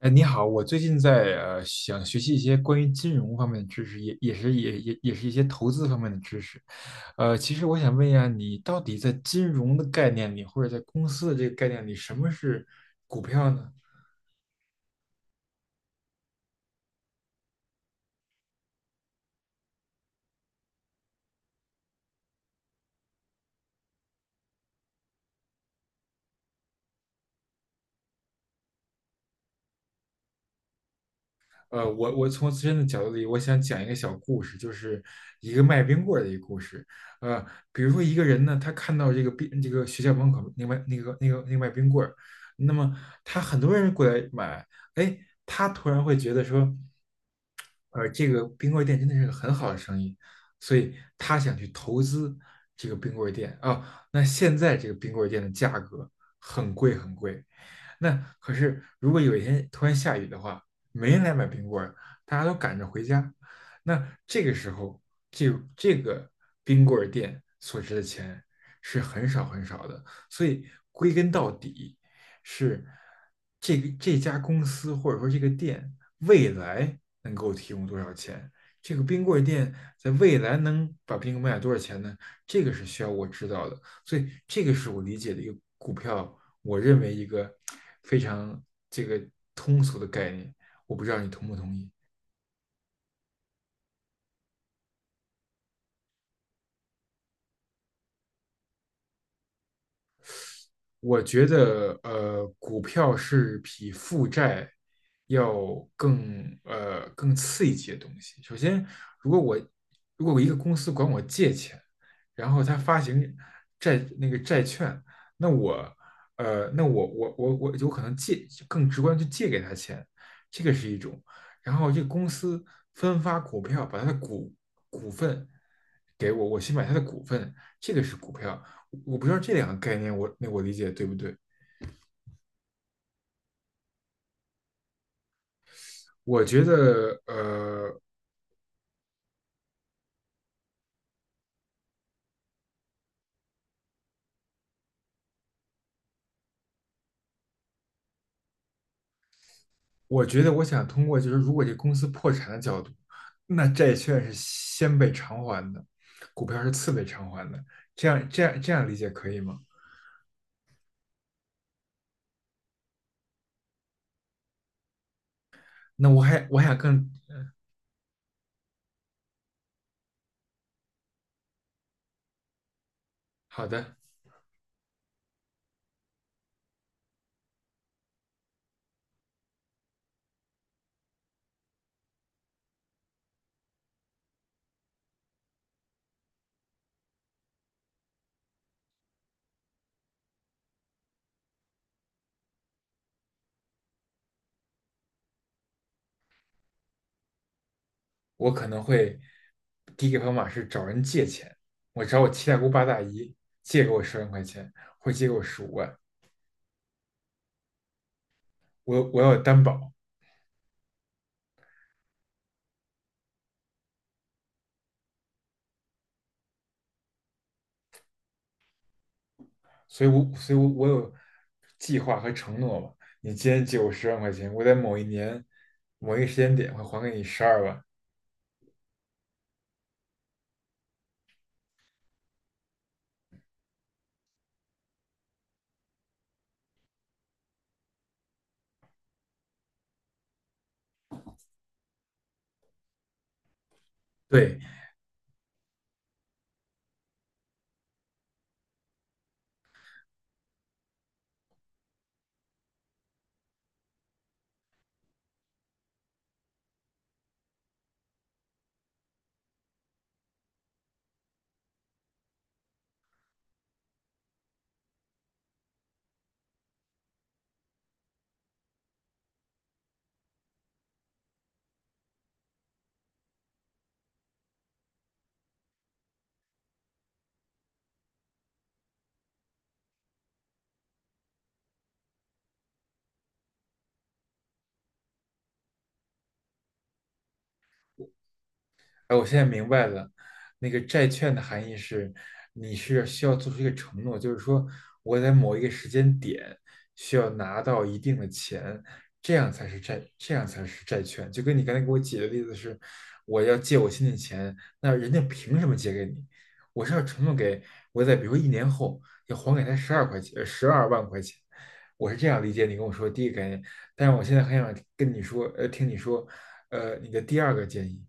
哎，你好，我最近在想学习一些关于金融方面的知识，也是一些投资方面的知识。其实我想问一下，你到底在金融的概念里，或者在公司的这个概念里，什么是股票呢？我从自身的角度里，我想讲一个小故事，就是一个卖冰棍儿的一个故事。呃，比如说一个人呢，他看到这个冰这个学校门口那卖那个卖冰棍儿，那么他很多人过来买，哎，他突然会觉得说，这个冰棍儿店真的是个很好的生意，所以他想去投资这个冰棍儿店啊。那现在这个冰棍儿店的价格很贵很贵，那可是如果有一天突然下雨的话，没人来买冰棍儿，大家都赶着回家，那这个时候这个冰棍儿店所值的钱是很少很少的，所以归根到底是这家公司或者说这个店未来能够提供多少钱。这个冰棍儿店在未来能把冰棍卖多少钱呢？这个是需要我知道的，所以这个是我理解的一个股票，我认为一个非常这个通俗的概念，我不知道你同不同意。我觉得，股票是比负债要更刺激的东西。首先，如果我如果我一个公司管我借钱，然后他发行债券，那我呃那我我我我有可能借更直观去借给他钱，这个是一种。然后这个公司分发股票，把他的股份给我，我去买他的股份，这个是股票。我不知道这两个概念我理解对不对？我觉得，我想通过就是如果这公司破产的角度，那债券是先被偿还的，股票是次被偿还的，这样理解可以吗？那我还想更好的，我可能会第一个方法是找人借钱，我找我七大姑八大姨借给我十万块钱，或借给我15万，我要有担保，所以我有计划和承诺吧。你今天借我十万块钱，我在某一年某一个时间点会还给你十二万。对，哎，我现在明白了，那个债券的含义是，你是需要做出一个承诺，就是说我在某一个时间点需要拿到一定的钱，这样才是债，这样才是债券。就跟你刚才给我举的例子是，我要借我亲戚钱，那人家凭什么借给你？我是要承诺给我在比如说一年后要还给他12块钱，12万块钱。我是这样理解你跟我说的第一个概念，但是我现在很想跟你说，听你说，你的第二个建议。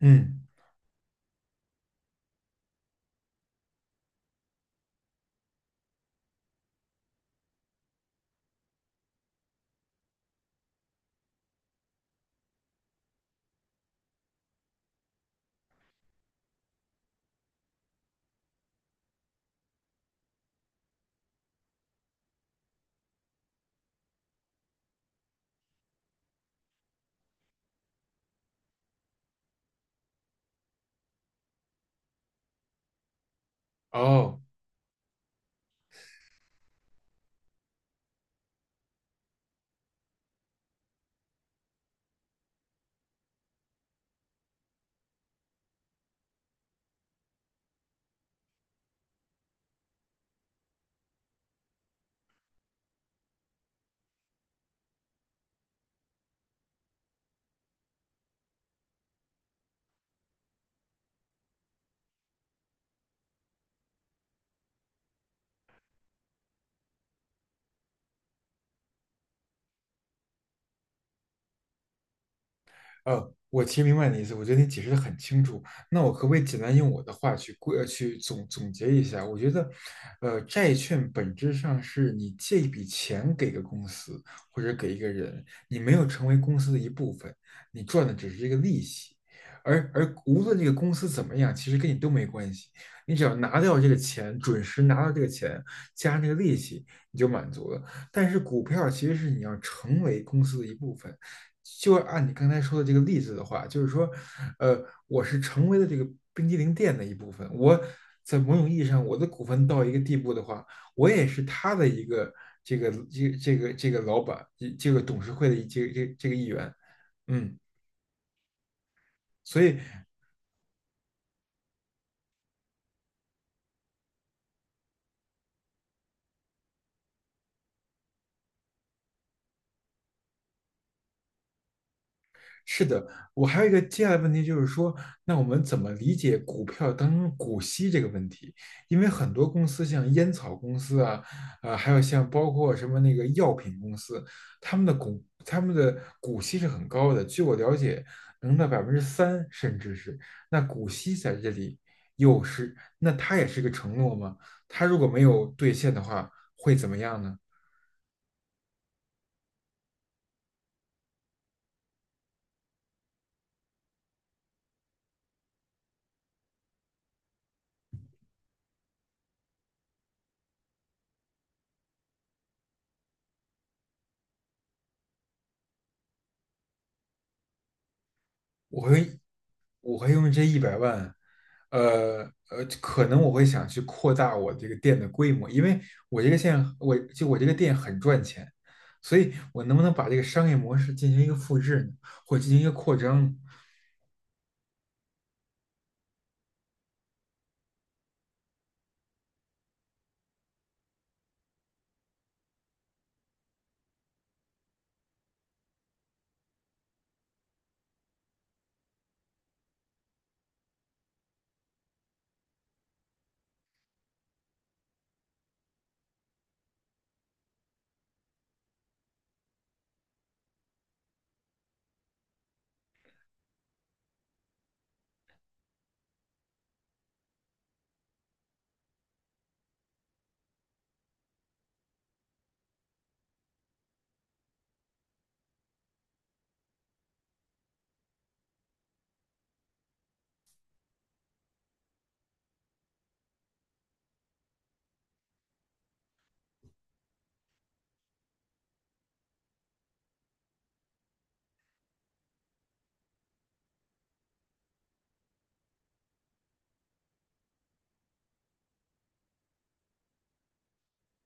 嗯。哦，我其实明白你的意思，我觉得你解释的很清楚。那我可不可以简单用我的话去总结一下？我觉得，债券本质上是你借一笔钱给个公司或者给一个人，你没有成为公司的一部分，你赚的只是这个利息。而无论这个公司怎么样，其实跟你都没关系。你只要拿掉这个钱，准时拿到这个钱，加上这个利息，你就满足了。但是股票其实是你要成为公司的一部分。就按你刚才说的这个例子的话，就是说，呃，我是成为了这个冰激凌店的一部分。我在某种意义上，我的股份到一个地步的话，我也是他的一个这个老板，这个董事会的这个议员。嗯，所以是的，我还有一个接下来的问题就是说，那我们怎么理解股票当中股息这个问题？因为很多公司，像烟草公司啊，还有像包括什么那个药品公司，他们的股息是很高的，据我了解，能到3%，甚至是。那股息在这里又是，那它也是个承诺吗？它如果没有兑现的话，会怎么样呢？我会我会用这100万，呃可能我会想去扩大我这个店的规模，因为我这个店很赚钱，所以我能不能把这个商业模式进行一个复制呢，或进行一个扩张呢？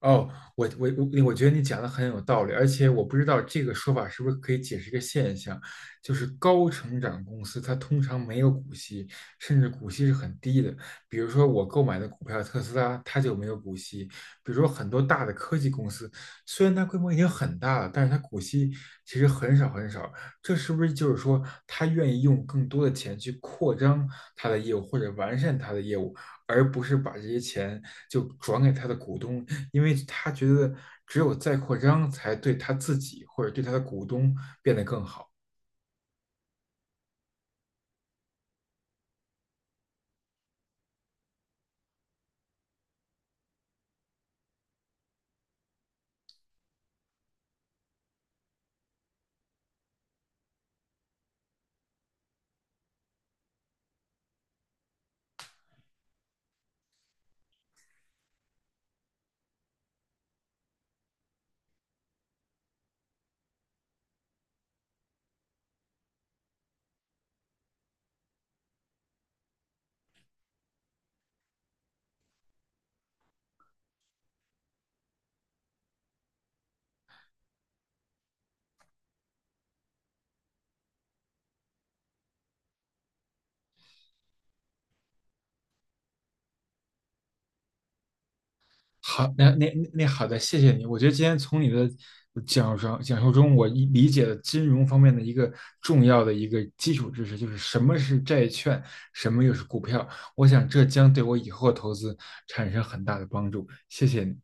哦，我我我觉得你讲的很有道理，而且我不知道这个说法是不是可以解释一个现象，就是高成长公司它通常没有股息，甚至股息是很低的。比如说我购买的股票特斯拉，它就没有股息。比如说很多大的科技公司，虽然它规模已经很大了，但是它股息其实很少很少。这是不是就是说它愿意用更多的钱去扩张它的业务或者完善它的业务，而不是把这些钱就转给他的股东？因为他觉得只有再扩张才对他自己或者对他的股东变得更好。好，那好的，谢谢你。我觉得今天从你的讲述中，我理解了金融方面的一个重要的一个基础知识，就是什么是债券，什么又是股票。我想这将对我以后投资产生很大的帮助。谢谢你。